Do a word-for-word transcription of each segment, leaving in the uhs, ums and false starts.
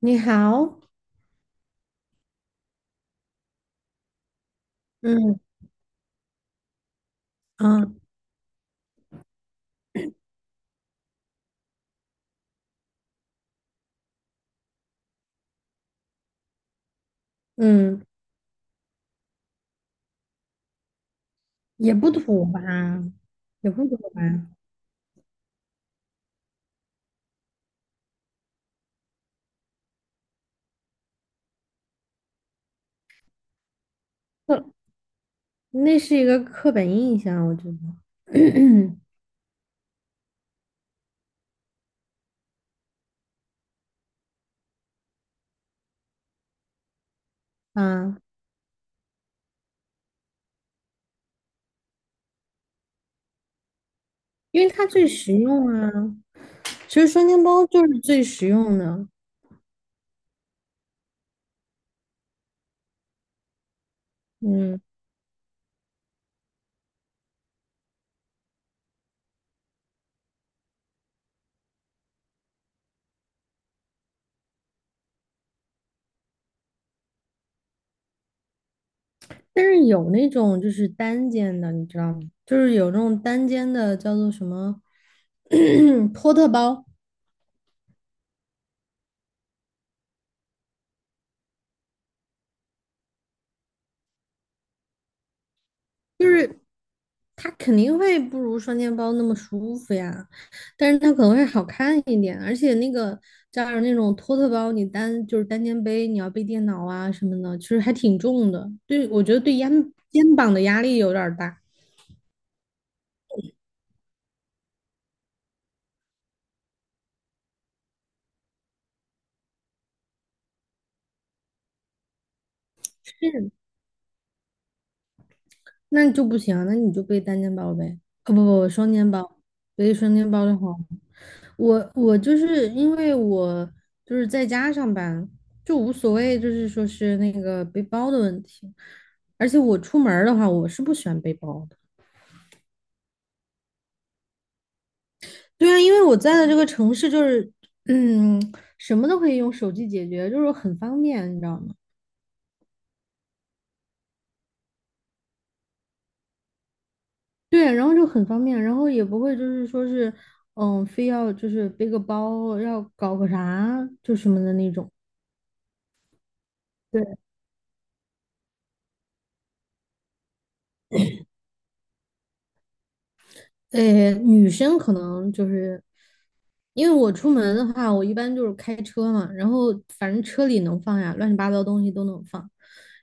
你好。嗯啊嗯，也不土吧，也不土吧。那那是一个刻板印象，我觉得。啊，因为它最实用啊，其实双肩包就是最实用的。嗯，但是有那种就是单肩的，你知道吗？就是有那种单肩的叫做什么 托特包。它肯定会不如双肩包那么舒服呀，但是它可能会好看一点，而且那个加上那种托特包，你单就是单肩背，你要背电脑啊什么的，其实还挺重的。对，我觉得对肩肩膀的压力有点儿大。那就不行啊，那你就背单肩包呗。哦不不不，双肩包。背双肩包的话，我我就是因为我就是在家上班，就无所谓，就是说是那个背包的问题。而且我出门儿的话，我是不喜欢背包的。对啊，因为我在的这个城市就是，嗯，什么都可以用手机解决，就是很方便，你知道吗？对，然后就很方便，然后也不会就是说是，嗯，非要就是背个包，要搞个啥就什么的那种。对，呃，女生可能就是因为我出门的话，我一般就是开车嘛，然后反正车里能放呀，乱七八糟东西都能放。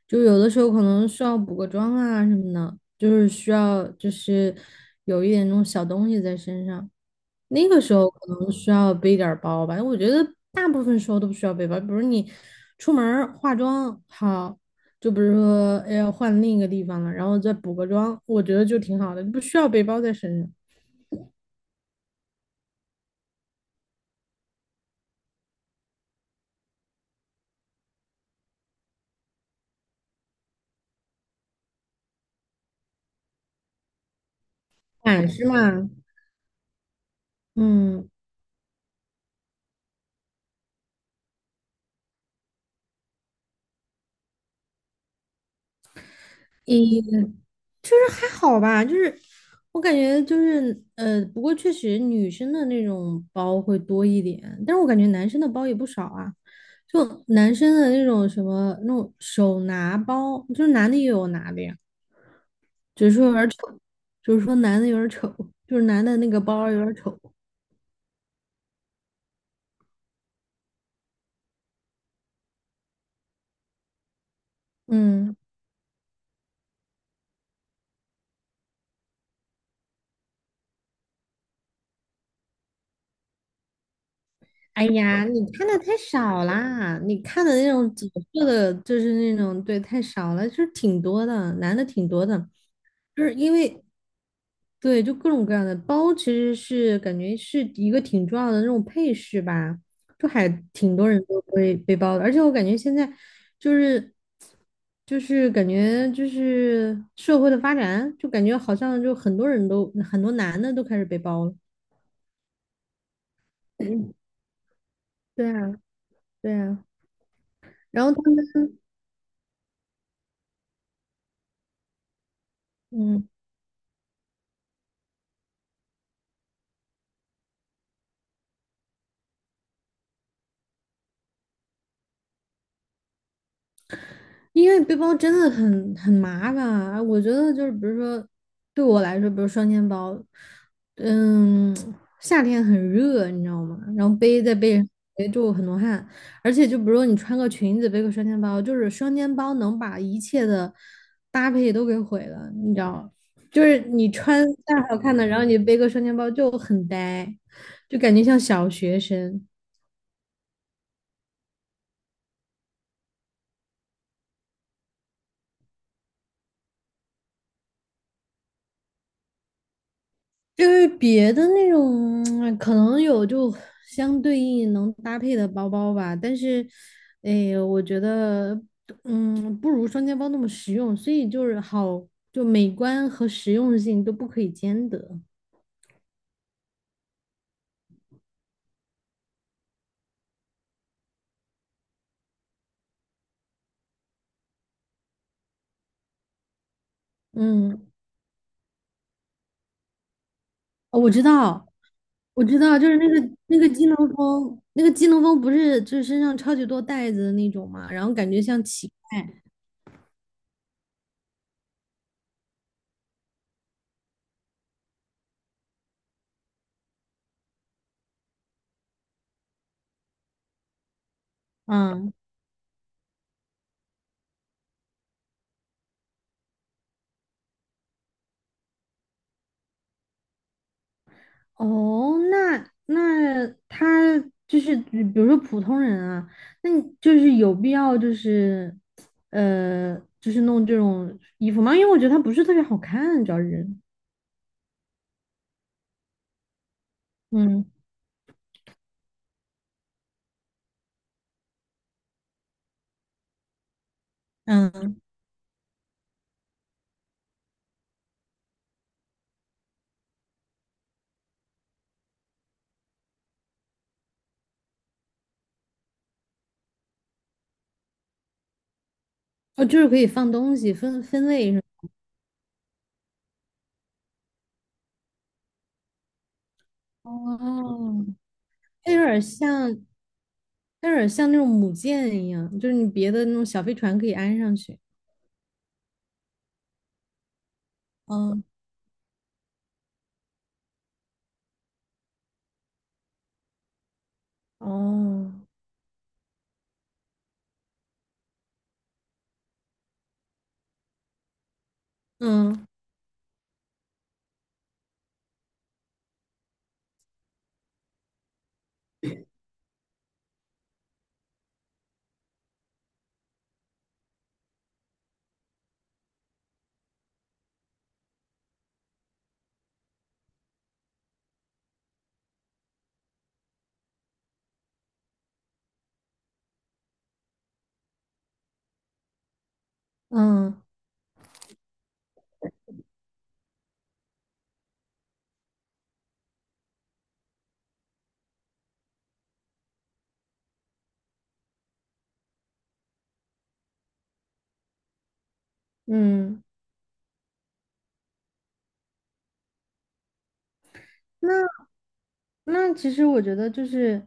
就有的时候可能需要补个妆啊什么的，就是需要就是有一点那种小东西在身上，那个时候可能需要背点儿包吧。我觉得大部分时候都不需要背包，比如你出门儿化妆好，就比如说哎呀换另一个地方了，然后再补个妆，我觉得就挺好的，不需要背包在身上。款式嘛，嗯，也就是还好吧，就是我感觉就是呃，不过确实女生的那种包会多一点，但是我感觉男生的包也不少啊。就男生的那种什么那种手拿包，就是男的也有拿的呀，只是说有点丑，就是说男的有点丑，就是男的那个包有点丑。嗯，哎呀，你看的太少啦，你看的那种紫色的，就是那种对，太少了，就是挺多的，男的挺多的。就是因为对，就各种各样的包，其实是感觉是一个挺重要的那种配饰吧，就还挺多人都会背包的。而且我感觉现在就是就是感觉就是社会的发展，就感觉好像就很多人都很多男的都开始背包了。对啊，对啊。然后他们，嗯。因为背包真的很很麻烦。我觉得就是比如说，对我来说，比如双肩包，嗯，夏天很热，你知道吗？然后背在背上背就很多汗。而且就比如说你穿个裙子背个双肩包，就是双肩包能把一切的搭配都给毁了，你知道？就是你穿再好看的，然后你背个双肩包就很呆，就感觉像小学生。就是别的那种，可能有就相对应能搭配的包包吧，但是，哎，我觉得，嗯，不如双肩包那么实用，所以就是好，就美观和实用性都不可以兼得。嗯，哦我知道，我知道。就是那个那个机能风，那个机能风不是就是身上超级多袋子的那种嘛，然后感觉像乞丐。哦，那那他就是比比如说普通人啊，那你就是有必要就是呃，就是弄这种衣服吗？因为我觉得它不是特别好看，主要是嗯嗯。哦，就是可以放东西分分类是吗？哦，它有点儿像，它有点儿像那种母舰一样，就是你别的那种小飞船可以安上去。嗯，哦，嗯嗯嗯，嗯，那那其实我觉得就是，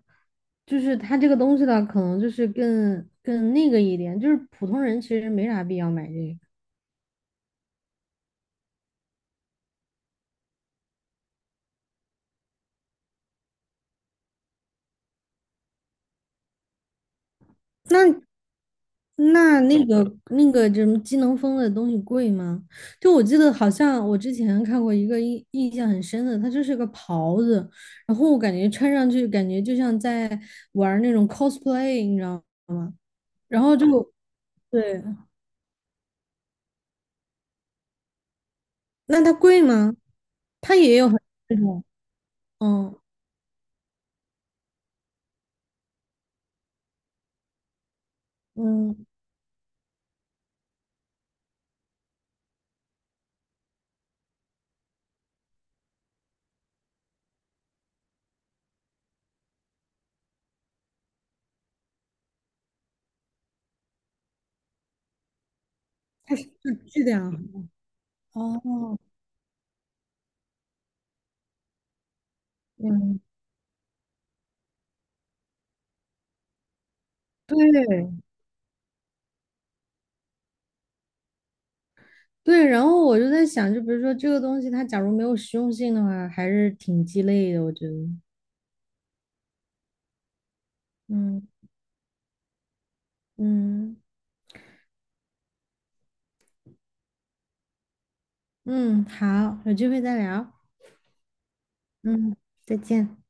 就是它这个东西的可能就是更更那个一点，就是普通人其实没啥必要买这个。那那那个那个什么机能风的东西贵吗？就我记得好像我之前看过一个印印象很深的，它就是个袍子，然后我感觉穿上去感觉就像在玩儿那种 cosplay，你知道吗？然后就对，那它贵吗？它也有很那种，嗯嗯，质量。哦，嗯，对对，然后我就在想，就比如说这个东西，它假如没有实用性的话，还是挺鸡肋的，我觉得。嗯嗯嗯，好，有机会再聊。嗯，再见。